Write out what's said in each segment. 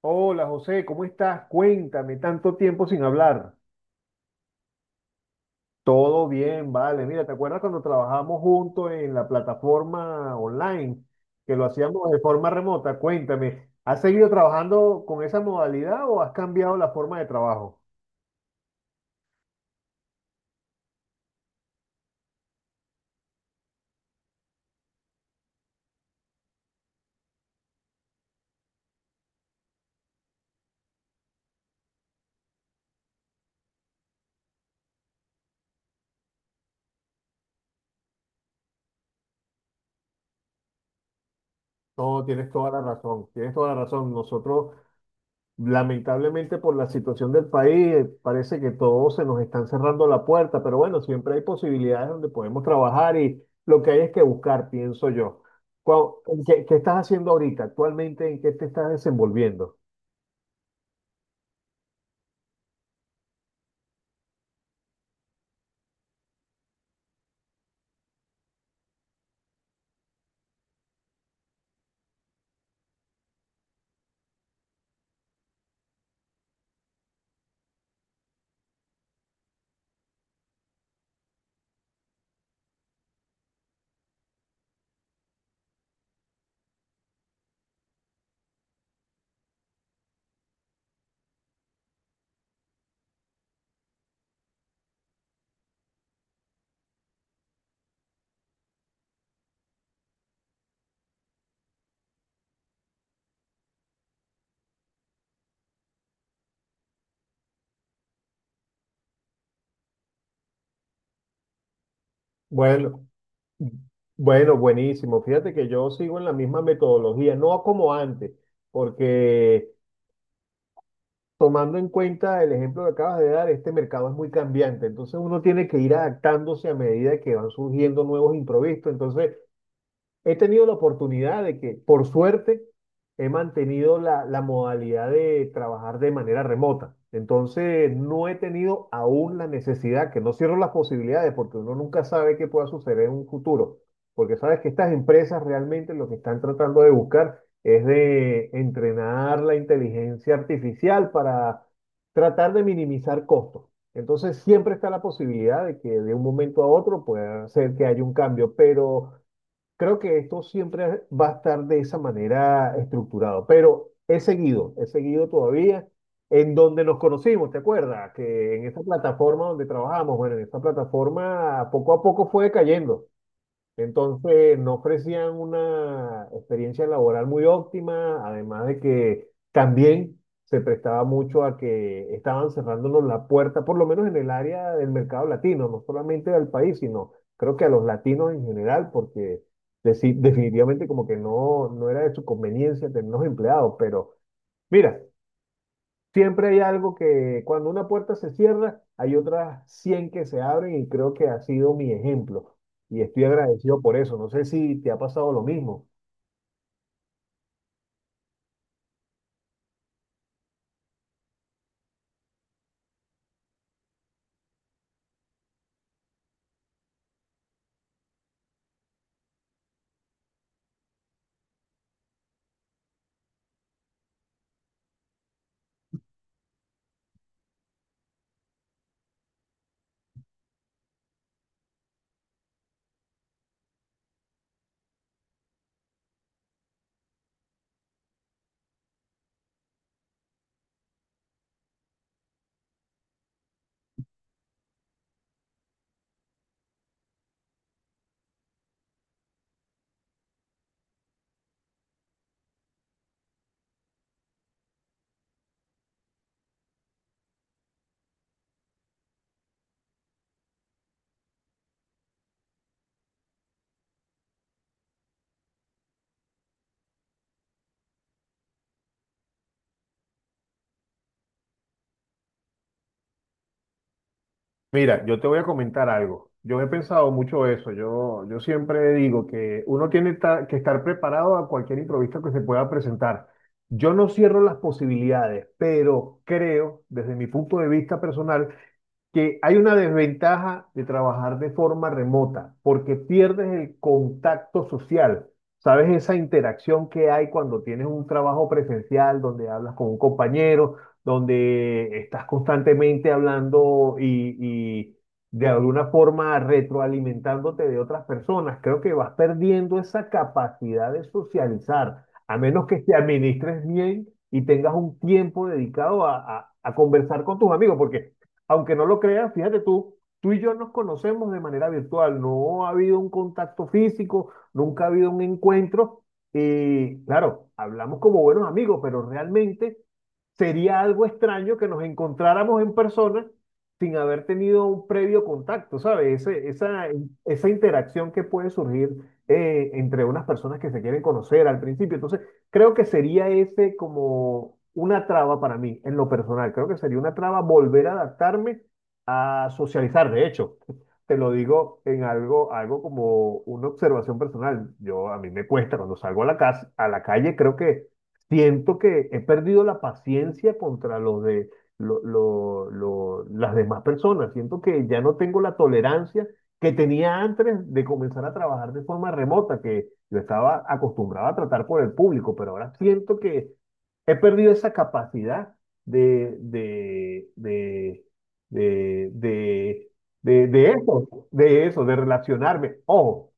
Hola José, ¿cómo estás? Cuéntame, tanto tiempo sin hablar. Todo bien, vale. Mira, ¿te acuerdas cuando trabajamos juntos en la plataforma online, que lo hacíamos de forma remota? Cuéntame, ¿has seguido trabajando con esa modalidad o has cambiado la forma de trabajo? No, tienes toda la razón, tienes toda la razón. Nosotros lamentablemente, por la situación del país, parece que todos se nos están cerrando la puerta, pero bueno, siempre hay posibilidades donde podemos trabajar y lo que hay es que buscar, pienso yo. Cuau- ¿qué estás haciendo ahorita? Actualmente, ¿en qué te estás desenvolviendo? Bueno, Bueno, buenísimo. Fíjate que yo sigo en la misma metodología, no como antes, porque tomando en cuenta el ejemplo que acabas de dar, este mercado es muy cambiante, entonces uno tiene que ir adaptándose a medida que van surgiendo nuevos imprevistos. Entonces, he tenido la oportunidad de que, por suerte, he mantenido la modalidad de trabajar de manera remota. Entonces, no he tenido aún la necesidad, que no cierro las posibilidades, porque uno nunca sabe qué pueda suceder en un futuro, porque sabes que estas empresas realmente lo que están tratando de buscar es de entrenar la inteligencia artificial para tratar de minimizar costos. Entonces, siempre está la posibilidad de que de un momento a otro pueda ser que haya un cambio, pero... Creo que esto siempre va a estar de esa manera estructurado, pero he seguido todavía en donde nos conocimos, ¿te acuerdas? Que en esa plataforma donde trabajamos, bueno, en esa plataforma poco a poco fue cayendo. Entonces, no ofrecían una experiencia laboral muy óptima, además de que también se prestaba mucho a que estaban cerrándonos la puerta, por lo menos en el área del mercado latino, no solamente al país, sino creo que a los latinos en general, porque definitivamente como que no, no era de su conveniencia tenernos empleados, pero mira, siempre hay algo que cuando una puerta se cierra, hay otras 100 que se abren y creo que ha sido mi ejemplo. Y estoy agradecido por eso. No sé si te ha pasado lo mismo. Mira, yo te voy a comentar algo. Yo he pensado mucho eso. Yo siempre digo que uno tiene que estar preparado a cualquier imprevisto que se pueda presentar. Yo no cierro las posibilidades, pero creo, desde mi punto de vista personal, que hay una desventaja de trabajar de forma remota, porque pierdes el contacto social. ¿Sabes? Esa interacción que hay cuando tienes un trabajo presencial, donde hablas con un compañero, donde estás constantemente hablando y de alguna forma retroalimentándote de otras personas. Creo que vas perdiendo esa capacidad de socializar, a menos que te administres bien y tengas un tiempo dedicado a conversar con tus amigos, porque aunque no lo creas, fíjate tú, tú y yo nos conocemos de manera virtual, no ha habido un contacto físico, nunca ha habido un encuentro y claro, hablamos como buenos amigos, pero realmente sería algo extraño que nos encontráramos en persona sin haber tenido un previo contacto, ¿sabes? Esa interacción que puede surgir entre unas personas que se quieren conocer al principio. Entonces, creo que sería ese como una traba para mí, en lo personal. Creo que sería una traba volver a adaptarme a socializar. De hecho, te lo digo en algo, algo como una observación personal. Yo, a mí me cuesta cuando salgo a la casa, a la calle, creo que siento que he perdido la paciencia contra los de las demás personas. Siento que ya no tengo la tolerancia que tenía antes de comenzar a trabajar de forma remota, que yo estaba acostumbrado a tratar por el público, pero ahora siento que he perdido esa capacidad de, de, de, de, de, de eso, de relacionarme. Ojo,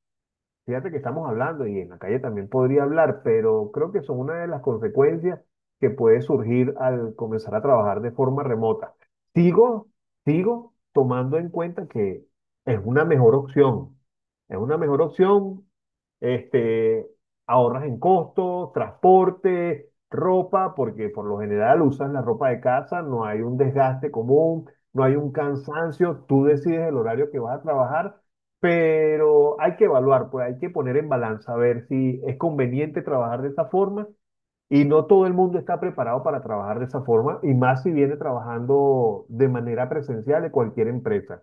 fíjate que estamos hablando y en la calle también podría hablar, pero creo que son una de las consecuencias que puede surgir al comenzar a trabajar de forma remota. Sigo, sigo tomando en cuenta que es una mejor opción. Es una mejor opción, este, ahorras en costos, transporte, ropa, porque por lo general usas la ropa de casa, no hay un desgaste común, no hay un cansancio, tú decides el horario que vas a trabajar, pero hay que evaluar, pues hay que poner en balanza, a ver si es conveniente trabajar de esa forma y no todo el mundo está preparado para trabajar de esa forma y más si viene trabajando de manera presencial de cualquier empresa.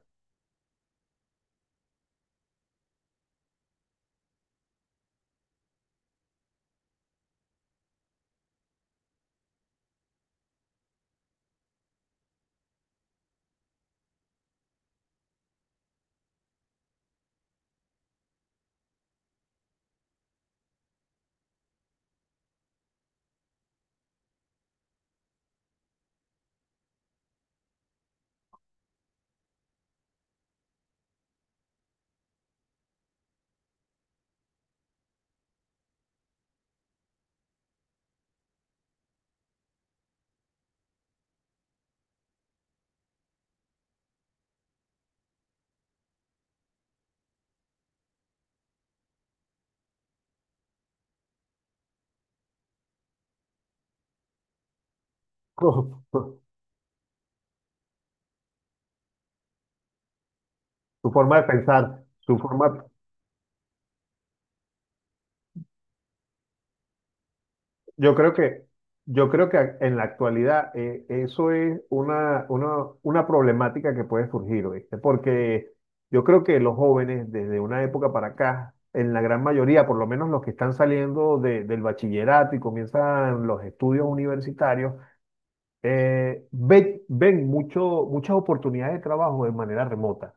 Su forma de pensar, su forma. Yo creo que, yo creo que en la actualidad eso es una problemática que puede surgir, ¿oíste? Porque yo creo que los jóvenes desde una época para acá, en la gran mayoría, por lo menos los que están saliendo del bachillerato y comienzan los estudios universitarios, ven mucho, muchas oportunidades de trabajo de manera remota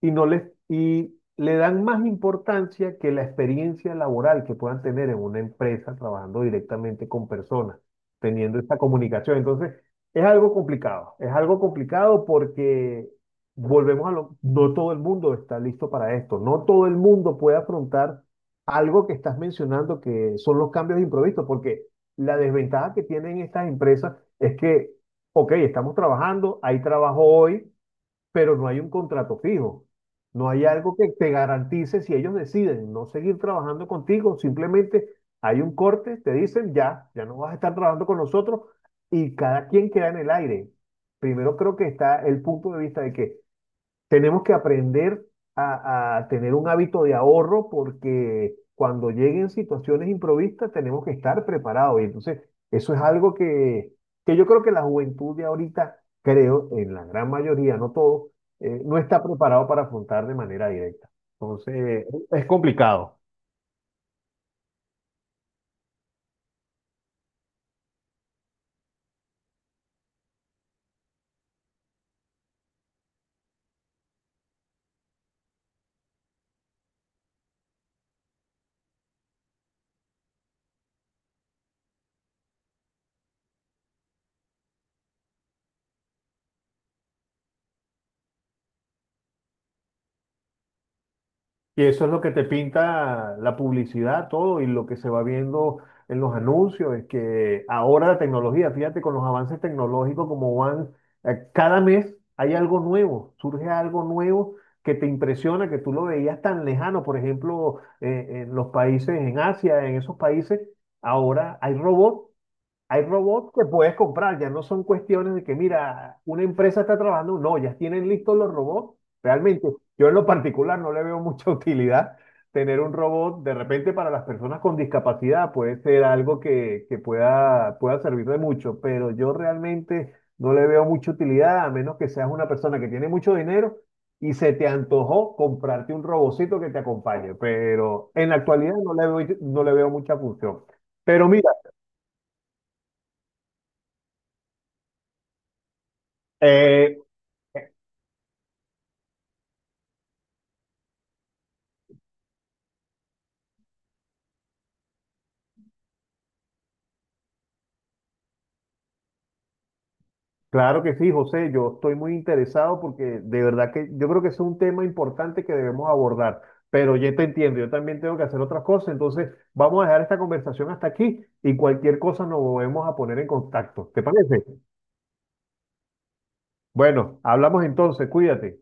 y no les y le dan más importancia que la experiencia laboral que puedan tener en una empresa trabajando directamente con personas, teniendo esta comunicación. Entonces, es algo complicado porque volvemos a lo, no todo el mundo está listo para esto, no todo el mundo puede afrontar algo que estás mencionando que son los cambios imprevistos, porque la desventaja que tienen estas empresas es que, ok, estamos trabajando, hay trabajo hoy, pero no hay un contrato fijo. No hay algo que te garantice si ellos deciden no seguir trabajando contigo, simplemente hay un corte, te dicen ya no vas a estar trabajando con nosotros y cada quien queda en el aire. Primero creo que está el punto de vista de que tenemos que aprender a tener un hábito de ahorro porque cuando lleguen situaciones improvistas tenemos que estar preparados. Y entonces, eso es algo que yo creo que la juventud de ahorita, creo, en la gran mayoría, no todo, no está preparado para afrontar de manera directa. Entonces, es complicado. Y eso es lo que te pinta la publicidad, todo, y lo que se va viendo en los anuncios, es que ahora la tecnología, fíjate con los avances tecnológicos como van, cada mes hay algo nuevo, surge algo nuevo que te impresiona, que tú lo veías tan lejano, por ejemplo, en los países, en Asia, en esos países, ahora hay robots. Hay robots que puedes comprar, ya no son cuestiones de que, mira, una empresa está trabajando, no, ya tienen listos los robots. Realmente, yo en lo particular no le veo mucha utilidad tener un robot. De repente, para las personas con discapacidad puede ser algo que pueda servir de mucho, pero yo realmente no le veo mucha utilidad, a menos que seas una persona que tiene mucho dinero y se te antojó comprarte un robocito que te acompañe. Pero en la actualidad no le veo mucha función. Pero mira, Eh, claro que sí, José, yo estoy muy interesado porque de verdad que yo creo que es un tema importante que debemos abordar, pero ya te entiendo, yo también tengo que hacer otras cosas, entonces vamos a dejar esta conversación hasta aquí y cualquier cosa nos volvemos a poner en contacto, ¿te parece? Bueno, hablamos entonces, cuídate.